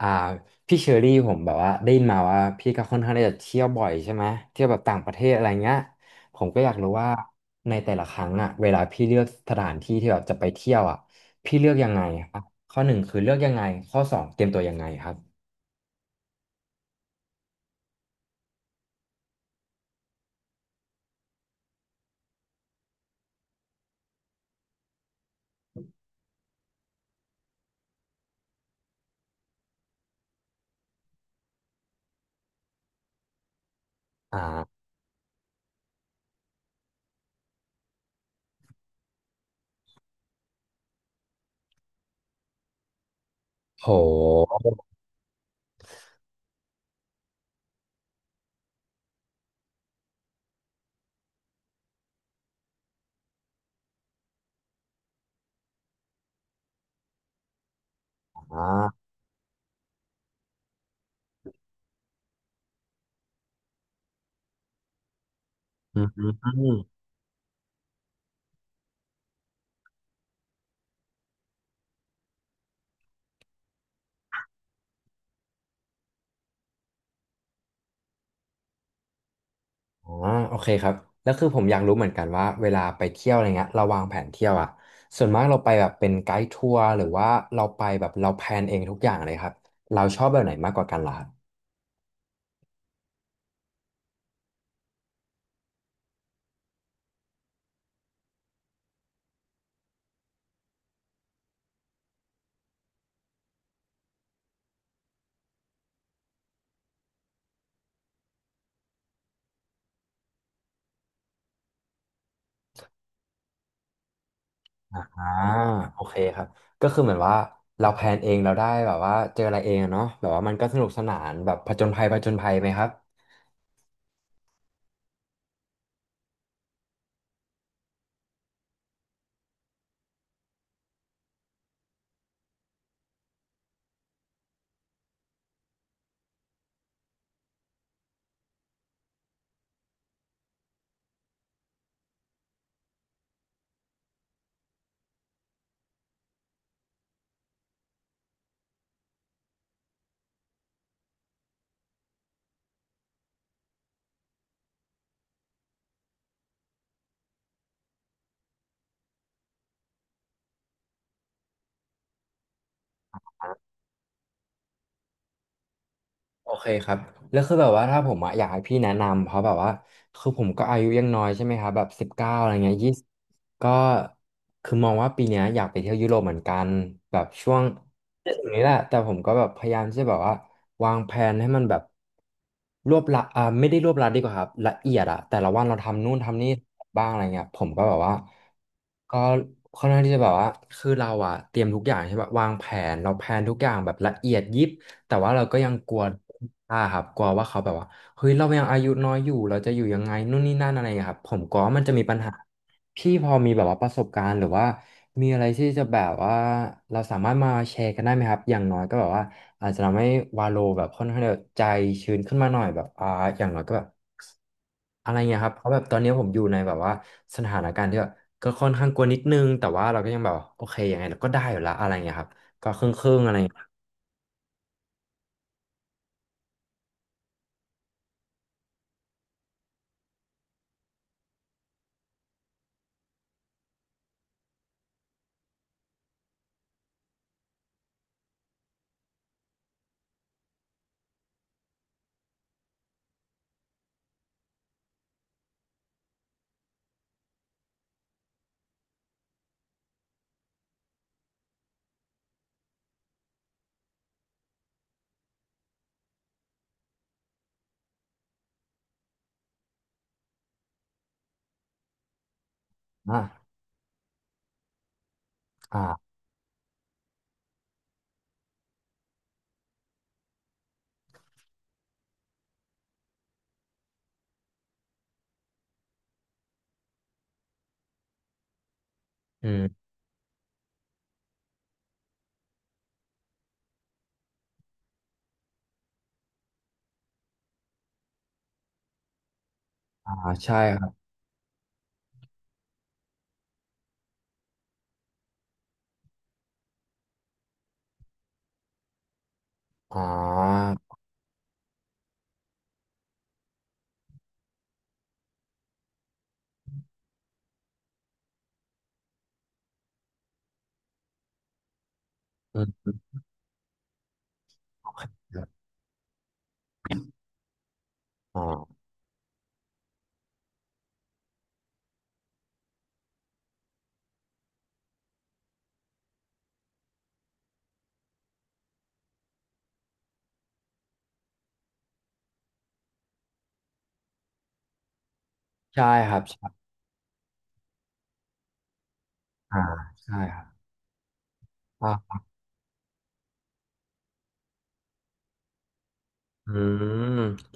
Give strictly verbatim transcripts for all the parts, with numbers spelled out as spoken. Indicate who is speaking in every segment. Speaker 1: อ่าพี่เชอรี่ผมแบบว่าได้ยินมาว่าพี่ก็ค่อนข้างที่จะเที่ยวบ่อยใช่ไหมเที่ยวแบบต่างประเทศอะไรเงี้ยผมก็อยากรู้ว่าในแต่ละครั้งอ่ะเวลาพี่เลือกสถานที่ที่แบบจะไปเที่ยวอ่ะพี่เลือกยังไงครับข้อหนึ่งคือเลือกยังไงข้อสองเตรียมตัวยังไงครับอ่าโหอ่าอืม อ๋อโอเคครับแล้วคือผมอยากรู้เหมือนกันว่าเวลาไปเที่ยวอะไรเงี้ยเราวางแผนเที่ยวอ่ะส่วนมากเราไปแบบเป็นไกด์ทัวร์หรือว่าเราไปแบบเราแพลนเองทุกอย่างเลยครับเราชอบแบบไหนมากกว่ากันล่ะครับอ่าโอเคครับก็คือเหมือนว่าเราแพลนเองเราได้แบบว่าเจออะไรเองอะเนาะแบบว่ามันก็สนุกสนานแบบผจญภัยผจญภัยไหมครับ โอเคครับแล้วคือแบบว่าถ้าผมอะอยากให้พี่แนะนำเพราะแบบว่าคือผมก็อายุยังน้อยใช่ไหมครับแบบสิบเก้าอะไรเงี้ยยี่สิบก็คือมองว่าปีเนี้ยอยากไปเที่ยวยุโรปเหมือนกันแบบช่วงถงนี้แหละแต่ผมก็แบบพยายามที่จะแบบว่าวางแผนให้มันแบบรวบละอ่าไม่ได้รวบลัดดีกว่าครับละเอียดอะแต่ละวันเราทำนู่นทำนี่บ้างอะไรเงี้ยผมก็แบบว่าก็ค่อนข้างที่จะแบบว่าคือเราอะเตรียมทุกอย่างใช่ปะวางแผนเราแผนทุกอย่างแบบละเอียดยิบ แต่ว่าเราก็ยังกลัวอ่าครับกลัวว่าเขาแบบว่าเฮ้ยเรายังอายุน้อยอยู่เราจะอยู่ยังไงนู่นนี่นั่นอะไรอย่างเงี้ยครับผมกลัวว่ามันจะมีปัญหาพี่พอมีแบบว่าประสบการณ์หรือว่ามีอะไรที่จะแบบว่าเราสามารถมาแชร์กันได้ไหมครับอย่างน้อยก็แบบว่าอาจจะทำให้วาโลแบบค่อนข้างจะใจชื้นขึ้นมาหน่อยแบบอ่าอย่างน้อยก็แบบอะไรเงี้ยครับเพราะแบบตอนนี้ผมอยู่ในแบบว่าสถานการณ์ที่แบบก็ค่อนข้างกลัวนิดนึงแต่ว่าเราก็ยังแบบว่าโอเคยังไงเราก็ได้อยู่ละอะไรเงี้ยครับก็ครึ่งๆอะไรเงี้ยอ่าอ่าอืม อ่าใช่ครับอ๋ออืมครับอ๋อใช่ครับใช่อ่าใช่ครับอ่าอืม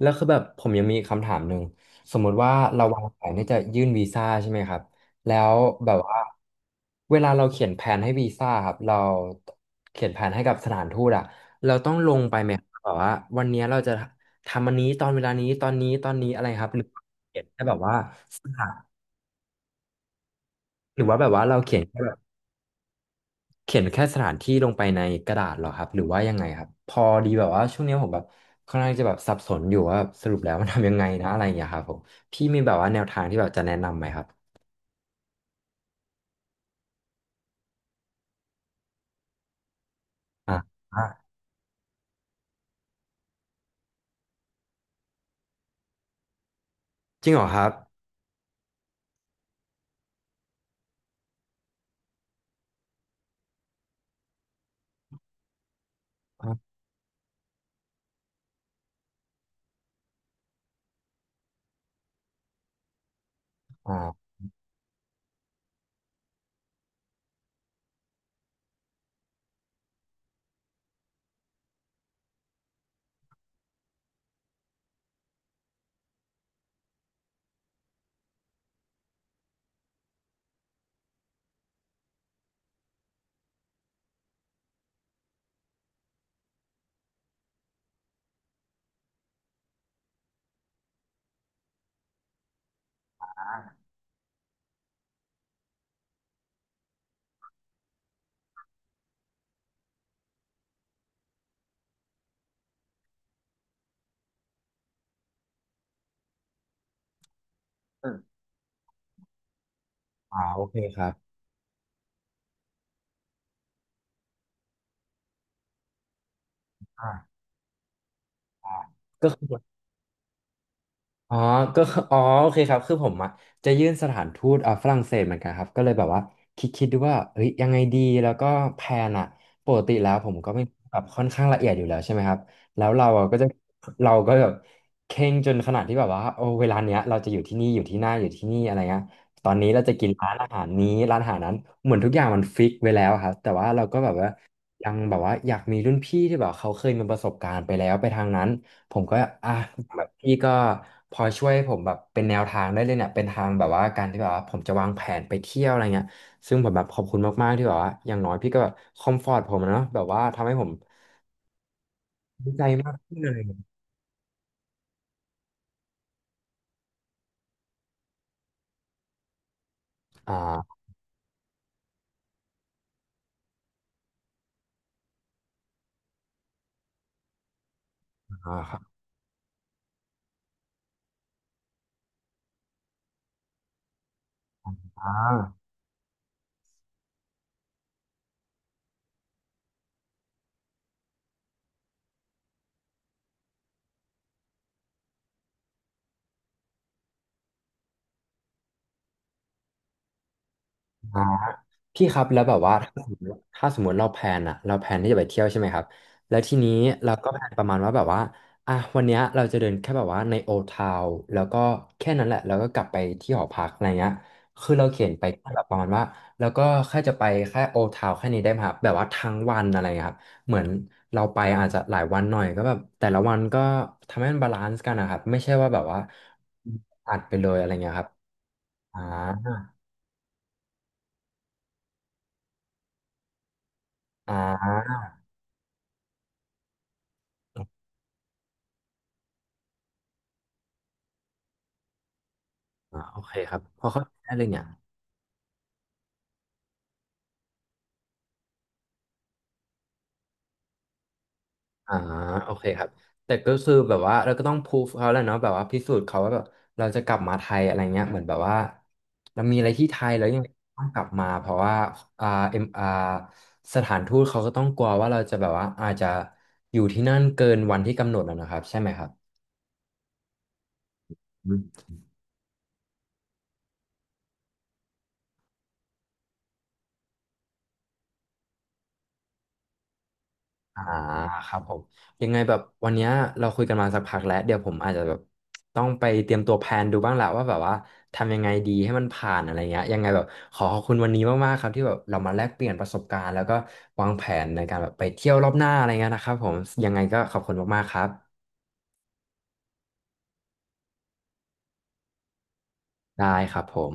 Speaker 1: แล้วคือแบบผมยังมีคำถามหนึ่งสมมุติว่าเราวางแผนที่จะยื่นวีซ่าใช่ไหมครับแล้วแบบว่าเวลาเราเขียนแผนให้วีซ่าครับเราเขียนแผนให้กับสถานทูตอะเราต้องลงไปไหมครับแบบว่าวันเนี้ยเราจะทำอันนี้ตอนเวลานี้ตอนนี้ตอนนี้อะไรครับหรือเขียนแค่แบบว่าสถานหรือว่าแบบว่าเราเขียนแค่แบบ เขียนแค่สถานที่ลงไปในกระดาษเหรอครับหรือว่ายังไงครับพอดีแบบว่าช่วงนี้ผมแบบค่อนข้างจะแบบสับสนอยู่ว่าสรุปแล้วมันทำยังไงนะอะไรอย่างเงี้ยครับผมพี่มีแบบว่าแนวทางที่แบบจะแนะนำไหมครับอ่าอ่าจริงเหรอครับอ่าอ่าอืมอ่าโอเคครับอ่าอ่าก็คือ อ๋อก็คืออ๋อโอเคครับคือผมอะจะยื่นสถานทูตอ่าฝรั่งเศสเหมือนกันครับก็เลยแบบว่าคิดคิดดูว่าเฮ้ยยังไงดีแล้วก็แพลนอะปกติแล้วผมก็ไม่แบบค่อนข้างละเอียดอยู่แล้วใช่ไหมครับแล้วเราอะก็จะเราก็แบบเคร่งจนขนาดที่แบบว่าโอ้เวลาเนี้ยเราจะอยู่ที่นี่อยู่ที่หน้าอยู่ที่นี่อะไรเงี้ยตอนนี้เราจะกินร้านอาหารนี้ร้านอาหารนั้นเหมือนทุกอย่างมันฟิกไว้แล้วครับแต่ว่าเราก็แบบว่ายังแบบว่าอยากมีรุ่นพี่ที่แบบเขาเคยมีประสบการณ์ไปแล้วไปทางนั้น ผมก็อ่ะแบบพี่ก็พอช่วยผมแบบเป็นแนวทางได้เลยเนี่ยเป็นทางแบบว่าการที่แบบว่าผมจะวางแผนไปเที่ยวอะไรเงี้ยซึ่งผมแบบขอบคุณมากๆที่แบบว่าอย่างน้อยพี่ก็แบบคอมฟอร์ตผมอะเนาะแบบว่าทำให้ผมดีใจมากขึ้นเลยอ่าอ่าครับอ่า พี่ครับแล้วแบบว่าถ้าสมมติถ้าสมมติเราแพลนอะเราแพลนที่จะไปเที่ยวใช่ไหมครับแล้วทีนี้เราก็แพลนประมาณว่าแบบว่าอ่ะวันเนี้ยเราจะเดินแค่แบบว่าในโอทาวแล้วก็แค่นั้นแหละแล้วก็กลับไปที่หอพักอะไรเงี้ยคือเราเขียนไปแค่แบบประมาณว่าแล้วก็แค่จะไปแค่โอทาวแค่นี้ได้ไหมครับแบบว่าทั้งวันอะไรเงี้ยครับเหมือนเราไปอาจจะหลายวันหน่อยก็แบบแต่ละวันก็ทำให้มันบาลานซ์กันนะครับไม่ใช่ว่าแบบว่าอัดไปเลยอะไรเงี้ยครับอ่าอ่าอ่าโอเคครับพอเข้าใจได้เลยเนี่ย อ่าโอเคครับแต่ก็คือแบบว่าเราก็ต้องพูฟเขาแหละเนาะแบบว่าพิสูจน์เขาว่าแบบเราจะกลับมาไทยอะไรเงี้ยเหมือนแบบว่าเรามีอะไรที่ไทยแล้วยังต้องกลับมาเพราะว่าอ่าเอ็มอ่าสถานทูตเขาก็ต้องกลัวว่าเราจะแบบว่าอาจจะอยู่ที่นั่นเกินวันที่กำหนดนะนะครับใช่ไหมครับ อ่าครับผมยังไงแบบวันเนี้ยเราคุยกันมาสักพักแล้วเดี๋ยวผมอาจจะแบบต้องไปเตรียมตัวแพลนดูบ้างแหละว่าแบบว่าทำยังไงดีให้มันผ่านอะไรเงี้ยยังไงแบบขอขอบคุณวันนี้มากๆครับที่แบบเรามาแลกเปลี่ยนประสบการณ์แล้วก็วางแผนในการแบบไปเที่ยวรอบหน้าอะไรเงี้ยนะครับผมยังไงก็ขอบคุณมากๆครับได้ครับผม